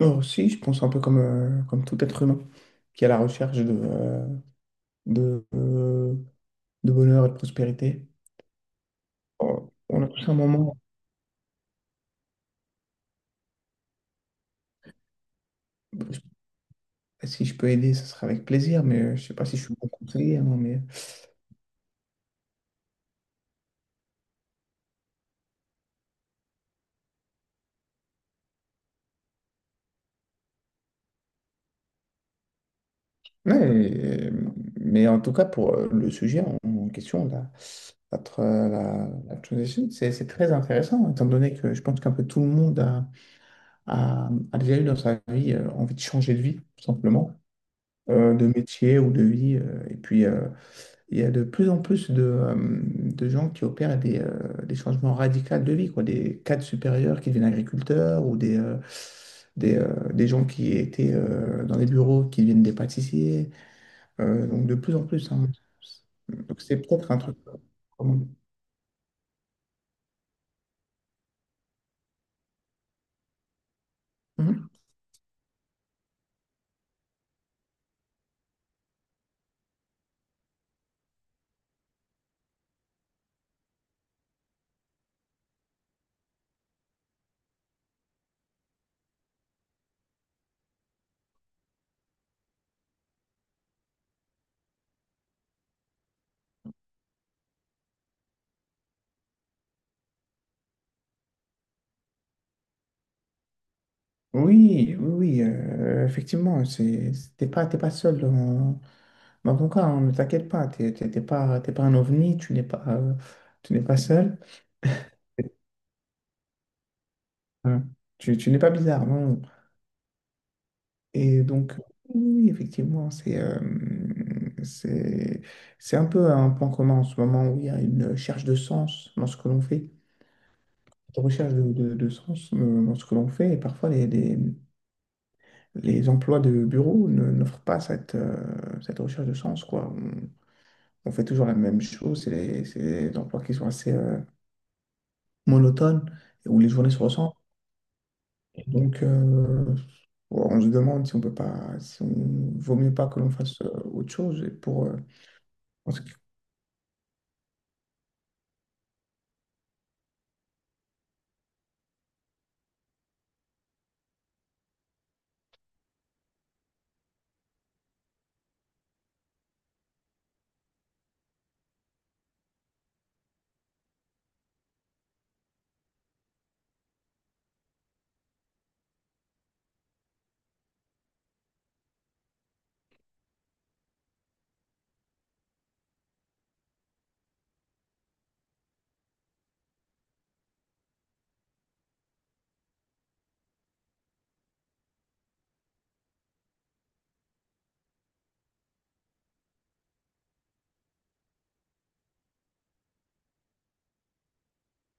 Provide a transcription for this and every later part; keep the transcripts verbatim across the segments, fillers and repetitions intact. Non, si, je pense un peu comme, euh, comme tout être humain qui est à la recherche de, euh, de, euh, de bonheur et de prospérité. On on a tous un moment, je- si je peux aider, ce sera avec plaisir, mais euh, je sais pas si je suis bon conseiller, hein, mais... Ouais, et- mais en tout cas, pour euh, le sujet en, en question, la, la, tra- la, la transition, c'est c'est très intéressant, étant donné que je pense qu'un peu tout le monde a, a, a déjà eu dans sa vie euh, envie de changer de vie, tout simplement, euh, de métier ou de vie. Euh, et puis, euh, il y a de plus en plus de, euh, de gens qui opèrent des, euh, des changements radicaux de vie, quoi. Des cadres supérieurs qui deviennent agriculteurs ou des, euh, des, euh, des gens qui étaient euh, dans les bureaux qui deviennent des pâtissiers. Euh, donc de plus en plus, hein. Donc c'est peut-être un truc. Mhm. Oui, oui, oui, euh, effectivement, c'est, t'es pas, t'es pas seul dans, dans ton cas, hein, ne t'inquiète pas, t'es, t'es- t'es pas, t'es pas un ovni, tu n'es pas, euh, tu n'es pas seul. Euh, tu, tu n'es pas bizarre, non. Et donc, oui, effectivement, c'est euh, c'est c'est un peu un point commun en ce moment où il y a une recherche de sens dans ce que l'on fait, une recherche de, de- de sens euh, dans ce que l'on fait. Et parfois, les, les, les emplois de bureau ne- n'offrent pas cette, euh, cette recherche de sens, quoi. On, on fait toujours la même chose, c'est les, c'est des emplois qui sont assez euh, monotones, où les journées se ressemblent. Et donc, euh, on se demande si on peut pas, si on vaut mieux pas que l'on fasse euh, autre chose. Et pour, euh...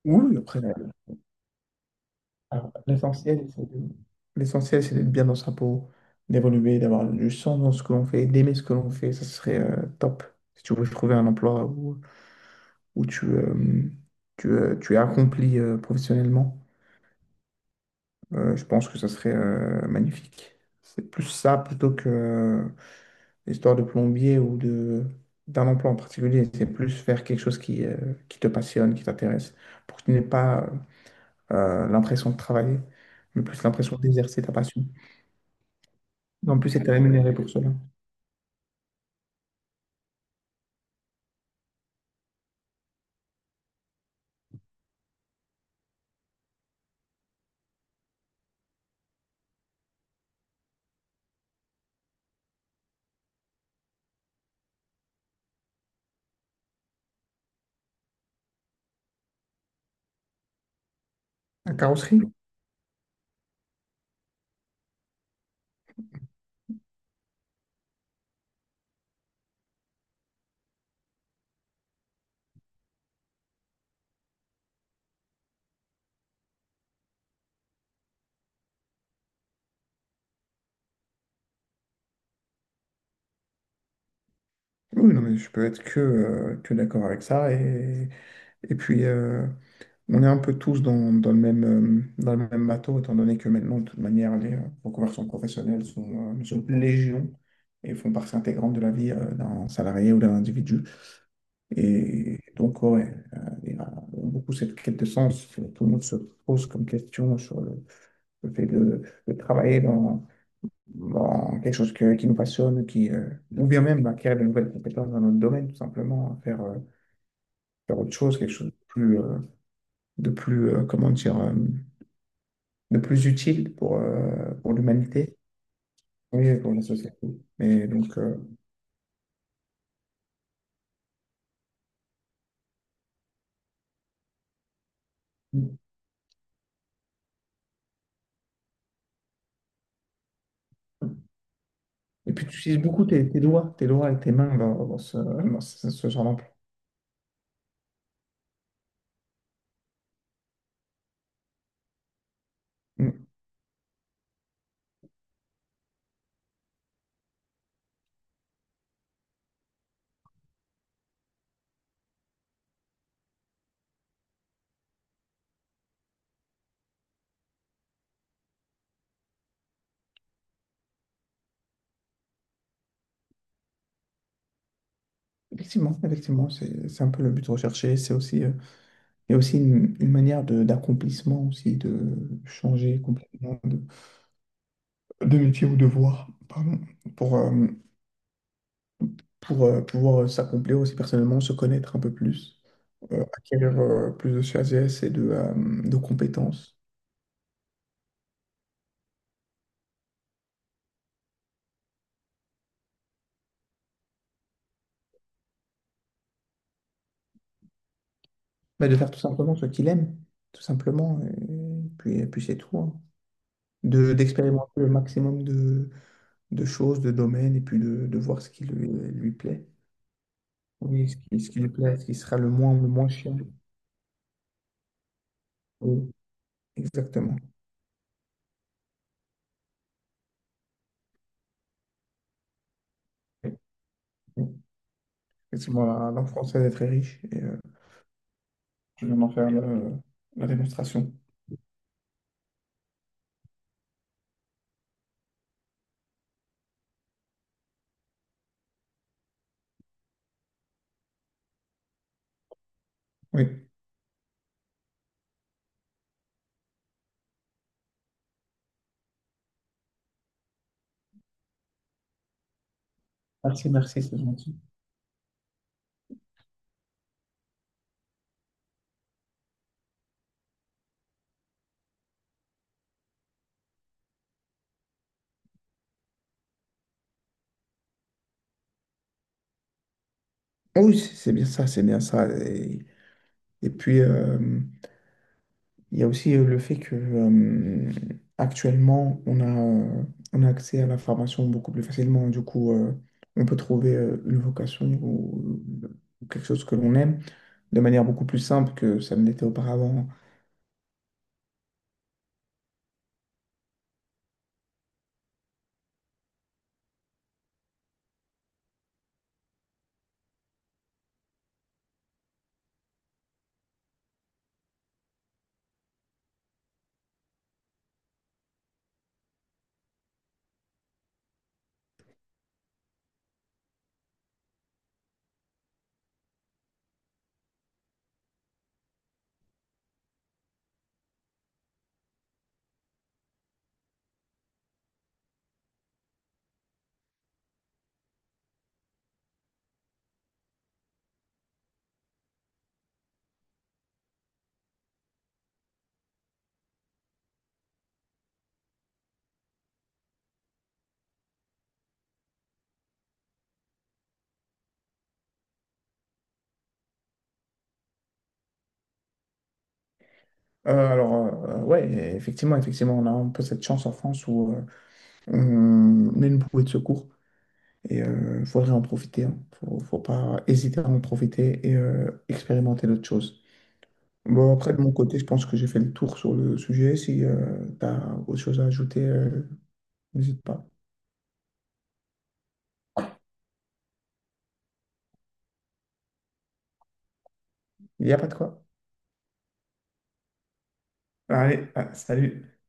Oui, oui, après, alors, l'essentiel, c'est de- l'essentiel, c'est d'être bien dans sa peau, d'évoluer, d'avoir du sens dans ce que l'on fait, d'aimer ce que l'on fait, ça serait euh, top. Si tu veux trouver un emploi où, où tu, euh, tu, euh, tu es accompli euh, professionnellement, euh, je pense que ça serait euh, magnifique. C'est plus ça plutôt que euh, l'histoire de plombier ou de, d'un emploi en particulier. C'est plus faire quelque chose qui, euh, qui te passionne, qui t'intéresse, pour que tu n'aies pas euh, l'impression de travailler, mais plus l'impression d'exercer ta passion. Et en plus, être rémunéré pour cela. La carrosserie? Oui, non, mais je peux être que, euh, que d'accord avec ça. Et, et puis, euh, on est un peu tous dans, dans le même, euh, dans le même bateau, étant donné que maintenant, de toute manière, les euh, reconversions professionnelles sont, euh, sont légion et font partie intégrante de la vie euh, d'un salarié ou d'un individu. Et donc, ouais, euh, il y a beaucoup cette quête de sens. Que Tout le monde se pose comme question sur le, le fait de, de travailler dans bon, quelque chose que- qui nous passionne, qui, euh... Ou bien même bah, acquérir de nouvelles compétences dans notre domaine, tout simplement, faire, euh, faire autre chose, quelque chose de plus, euh, de plus euh, comment dire, euh, de plus utile pour, euh, pour l'humanité, oui, pour la société. Mais donc, euh... Et puis, tu utilises beaucoup tes, tes doigts, tes doigts et tes mains dans, dans ce, dans ce, ce genre d'emploi. Mm. Effectivement, effectivement, c'est, c'est un peu le but recherché. C'est aussi, euh, il y a aussi une, une manière de, d'accomplissement aussi, de changer complètement de métier ou devoir, pardon, pour, euh, pour euh, pouvoir s'accomplir aussi personnellement, se connaître un peu plus, euh, acquérir euh, plus de sagesse et de, euh, de compétences. Bah, de faire tout simplement ce qu'il aime, tout simplement, et puis, et puis c'est tout, hein. De, d'expérimenter le maximum de, de choses, de domaines, et puis de, de voir ce qui lui, lui plaît. Oui, ce qui, ce qui lui plaît, ce qui sera le moins, le moins chiant. Oui, exactement. Oui, effectivement, la langue française est très riche. Je viens d'en faire le- euh, la démonstration. Oui. Merci, merci, c'est gentil. Ah oui, c'est c'est bien ça, c'est bien ça. Et, et puis, euh, il y a aussi euh, le fait que euh, actuellement, on a, euh, on a accès à l'information beaucoup plus facilement. Du coup, euh, on peut trouver euh, une vocation ou, ou quelque chose que l'on aime de manière beaucoup plus simple que ça ne l'était auparavant. Euh, alors, euh, ouais, effectivement, effectivement, on a un peu cette chance en France où euh, on on est une bouée de secours. Et il faudrait en profiter, hein. Faut, faut pas hésiter à en profiter et euh, expérimenter d'autres choses. Bon, après, de mon côté, je pense que j'ai fait le tour sur le sujet. Si tu as autre chose à ajouter, euh, n'hésite pas. Il n'y a pas de quoi. Allez, ah, salut.